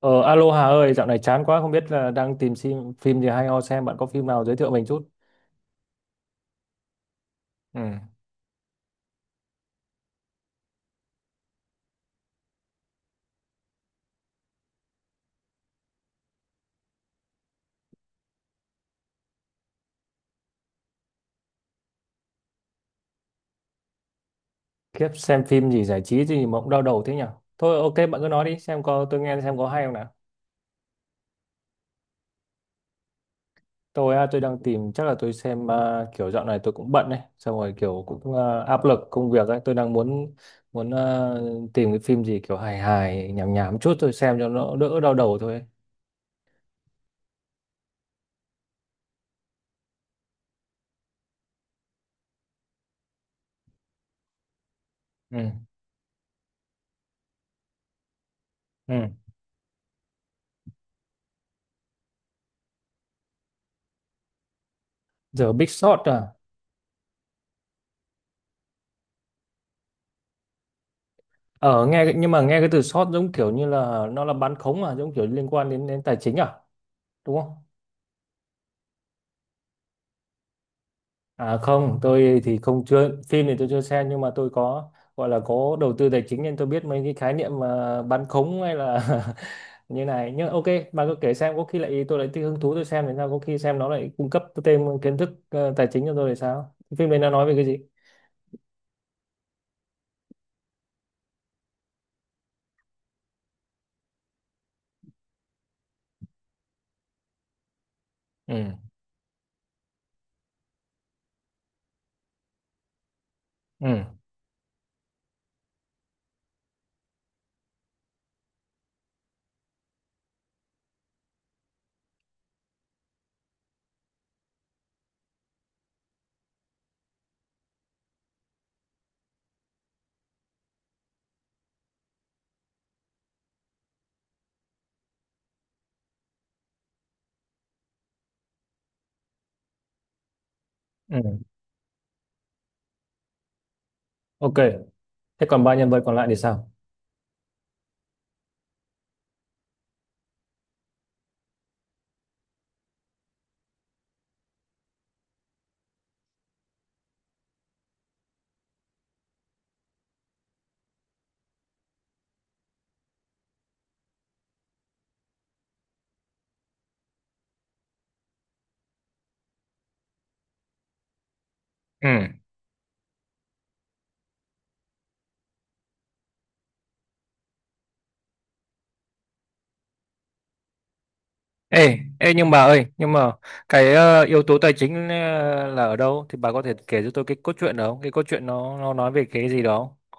Ờ, Alo Hà ơi, dạo này chán quá không biết là đang tìm phim gì hay ho xem bạn có phim nào giới thiệu mình chút. Ừ. Khiếp xem phim gì giải trí gì mà cũng đau đầu thế nhỉ. Thôi ok, bạn cứ nói đi xem có tôi nghe xem có hay không nào. Tôi đang tìm, chắc là tôi xem, kiểu dạo này tôi cũng bận đấy, xong rồi kiểu cũng, áp lực công việc ấy, tôi đang muốn muốn à, tìm cái phim gì kiểu hài hài nhảm nhảm chút tôi xem cho nó đỡ đau đầu thôi ấy. Ừ. Ừ. The Big Short à? Ở nghe nhưng mà nghe cái từ short giống kiểu như là nó là bán khống à, giống kiểu liên quan đến đến tài chính à, đúng không? À không, tôi thì không, chưa, phim thì tôi chưa xem, nhưng mà tôi có, gọi là có đầu tư tài chính nên tôi biết mấy cái khái niệm mà bán khống hay là như này. Nhưng ok, bà cứ kể xem có khi lại tôi lại thích hứng thú tôi xem thì sao, có khi xem nó lại cung cấp thêm kiến thức tài chính cho tôi thì sao? Phim đấy nó nói về cái gì? Ừ. Ừ. Ừ. Ok. Thế còn ba nhân vật còn lại thì sao? Ừ. Ê, nhưng bà ơi, nhưng mà cái yếu tố tài chính là ở đâu, thì bà có thể kể cho tôi cái cốt truyện đó không? Cái cốt truyện nó nói về cái gì đó, không?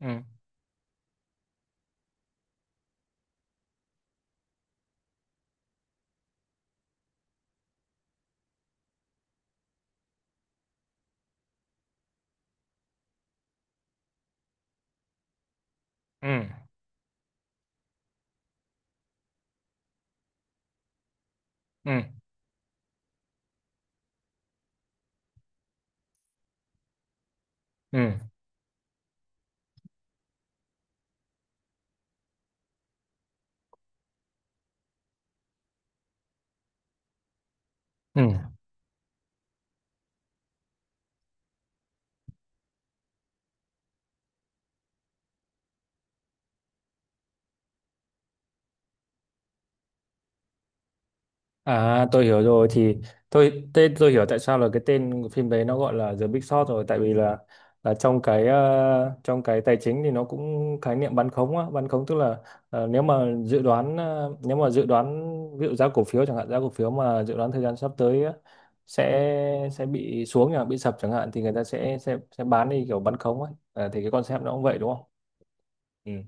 Ừ, ừ, ừ, ừ, ừ. À, tôi hiểu rồi. Thì tôi hiểu tại sao là cái tên của phim đấy nó gọi là The Big Short rồi, tại vì là trong cái trong cái tài chính thì nó cũng khái niệm bán khống á, bán khống tức là, nếu mà dự đoán, ví dụ giá cổ phiếu chẳng hạn, giá cổ phiếu mà dự đoán thời gian sắp tới á, sẽ bị xuống chẳng bị sập chẳng hạn, thì người ta sẽ bán đi kiểu bán khống ấy. À, thì cái concept nó cũng vậy đúng không? Ừ.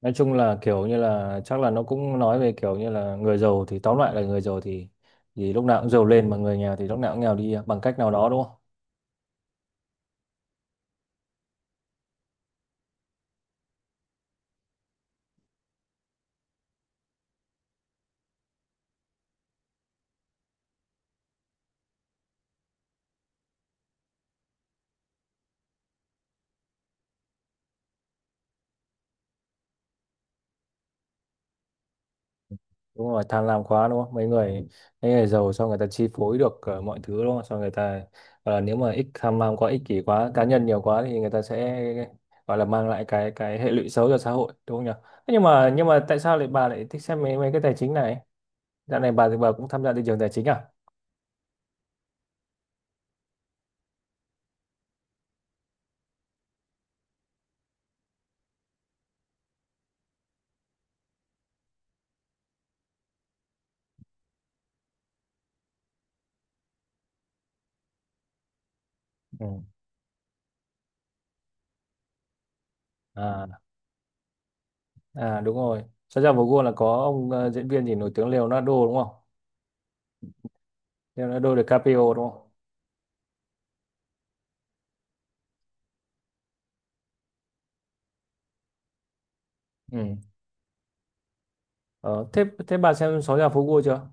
Nói chung là kiểu như là chắc là nó cũng nói về kiểu như là người giàu, thì tóm lại là người giàu thì lúc nào cũng giàu lên, mà người nghèo thì lúc nào cũng nghèo đi bằng cách nào đó đúng không? Đúng rồi, tham lam quá đúng không, mấy người giàu sao người ta chi phối được mọi thứ đúng không, sao người ta gọi là nếu mà ích tham lam quá, ích kỷ quá, cá nhân nhiều quá, thì người ta sẽ gọi là mang lại cái hệ lụy xấu cho xã hội đúng không nhỉ? Thế nhưng mà tại sao lại bà lại thích xem mấy mấy cái tài chính này, dạo này bà thì bà cũng tham gia thị trường tài chính à? Ừ. À À, đúng rồi. Santiago Goal là có ông diễn viên gì nổi tiếng Leonardo đúng không? Leonardo DiCaprio đúng không? Ừ. Ờ, thế thế bà xem Sáu nhà phố Gua chưa?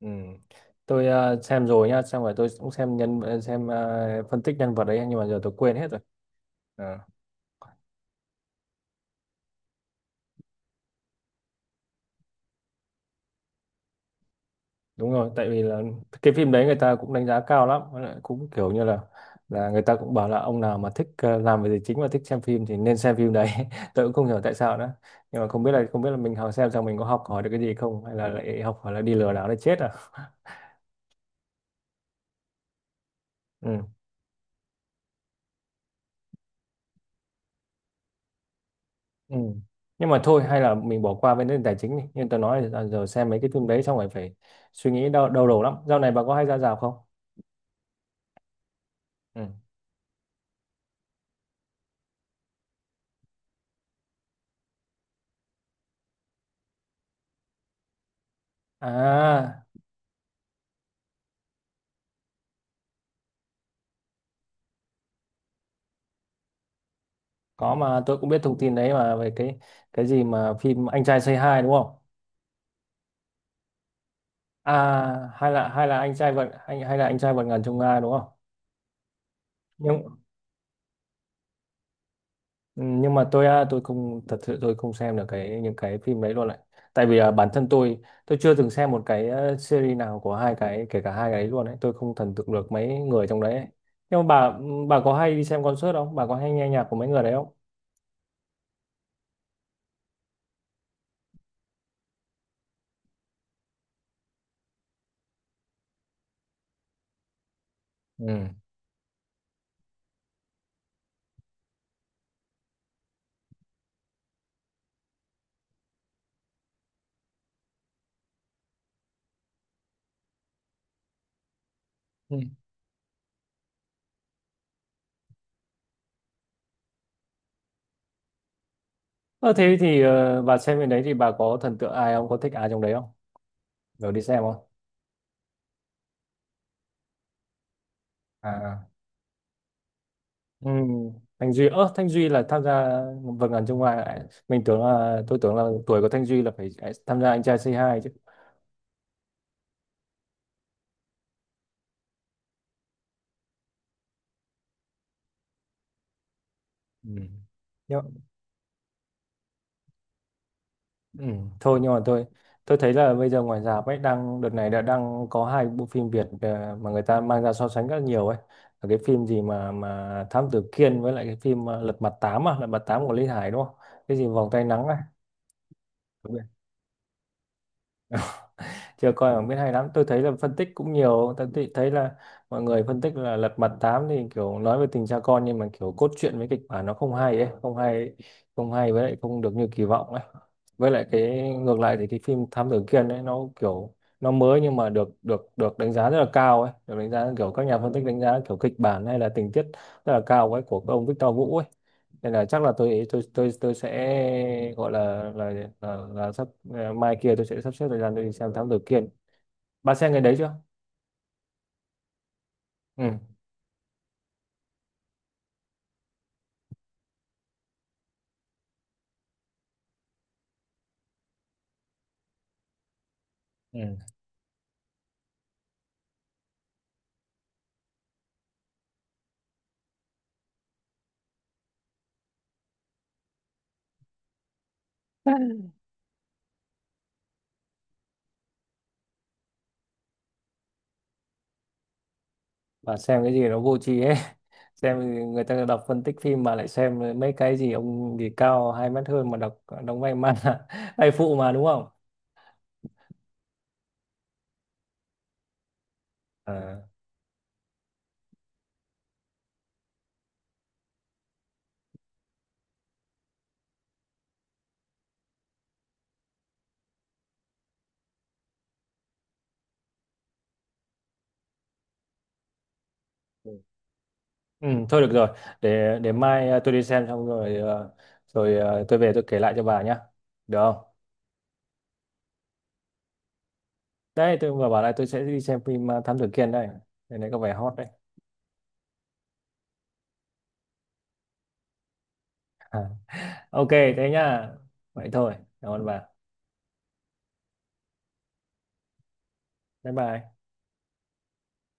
Ừ. Tôi xem rồi nhá, xong rồi tôi cũng xem phân tích nhân vật đấy, nhưng mà giờ tôi quên hết rồi. Ờ. Đúng rồi, tại vì là cái phim đấy người ta cũng đánh giá cao lắm, với lại cũng kiểu như là người ta cũng bảo là ông nào mà thích, làm về tài chính và thích xem phim thì nên xem phim đấy. Tôi cũng không hiểu tại sao nữa, nhưng mà không biết là mình học xem xong mình có học hỏi được cái gì không, hay là lại học hỏi là đi lừa đảo để chết à. Ừ. Ừ. Nhưng mà thôi hay là mình bỏ qua vấn đề tài chính đi, nhưng tôi nói là giờ xem mấy cái phim đấy xong rồi phải suy nghĩ đau đầu lắm. Dạo này bà có hay ra rạp không? Ừ. À, có, mà tôi cũng biết thông tin đấy, mà về cái gì mà phim anh trai Say Hi đúng không? À, hay là anh trai vượt anh hay là anh trai vượt ngàn chông gai đúng không? Nhưng ừ, nhưng mà tôi không thật sự, tôi không xem được cái những cái phim đấy luôn, lại tại vì, bản thân tôi chưa từng xem một cái series nào của hai cái, kể cả hai cái đấy luôn ấy, tôi không thần tượng được mấy người trong đấy ấy. Nhưng mà bà có hay đi xem concert không, bà có hay nghe nhạc của mấy người đấy không? Ừ. Ừ. Ờ, thế thì, bà xem bên đấy thì bà có thần tượng ai không, có thích ai trong đấy không, rồi đi xem không? À. Ừ. Thanh Duy là tham gia, vâng ẩn trong ngoài, mình tưởng là tôi tưởng là tuổi của Thanh Duy là phải, tham gia anh trai Say Hi chứ. Ừ. Nhưng, ừ, thôi nhưng mà tôi thấy là bây giờ ngoài rạp ấy đang đợt này đã đang có hai bộ phim Việt mà người ta mang ra so sánh rất nhiều ấy, là cái phim gì mà Thám Tử Kiên, với lại cái phim Lật Mặt Tám của Lý Hải đúng không, cái gì vòng tay nắng ấy. Chưa coi bảng biết hay lắm. Tôi thấy là phân tích cũng nhiều, tôi thấy thấy là mọi người phân tích là Lật Mặt Tám thì kiểu nói về tình cha con, nhưng mà kiểu cốt truyện với kịch bản nó không hay ấy, không hay, không hay với lại không được như kỳ vọng ấy. Với lại cái ngược lại, thì cái phim Thám Tử Kiên ấy, nó kiểu nó mới nhưng mà được được được đánh giá rất là cao ấy, được đánh giá kiểu các nhà phân tích đánh giá kiểu kịch bản hay là tình tiết rất là cao ấy, của ông Victor Vũ ấy. Nên là chắc là tôi sẽ gọi là là sắp, mai kia tôi sẽ sắp xếp thời gian tôi đi xem Thám Tử Kiên. Bà xem cái đấy chưa? Ừ. Ừ. Bà xem cái gì nó vô tri hết. Xem người ta đọc phân tích phim mà lại xem mấy cái gì ông gì cao 2 mét hơn mà đọc đóng vai man, vai phụ mà đúng không? À. Ừ. Ừ, thôi được rồi. Để mai, tôi đi xem xong rồi, tôi về tôi kể lại cho bà nhá. Được không? Đấy, tôi vừa bảo là tôi sẽ đi xem phim, Thám Tử Kiên đây. Đây này có vẻ hot đấy. Ok, thế nhá. Vậy thôi. Cảm ơn bà. Bye bye.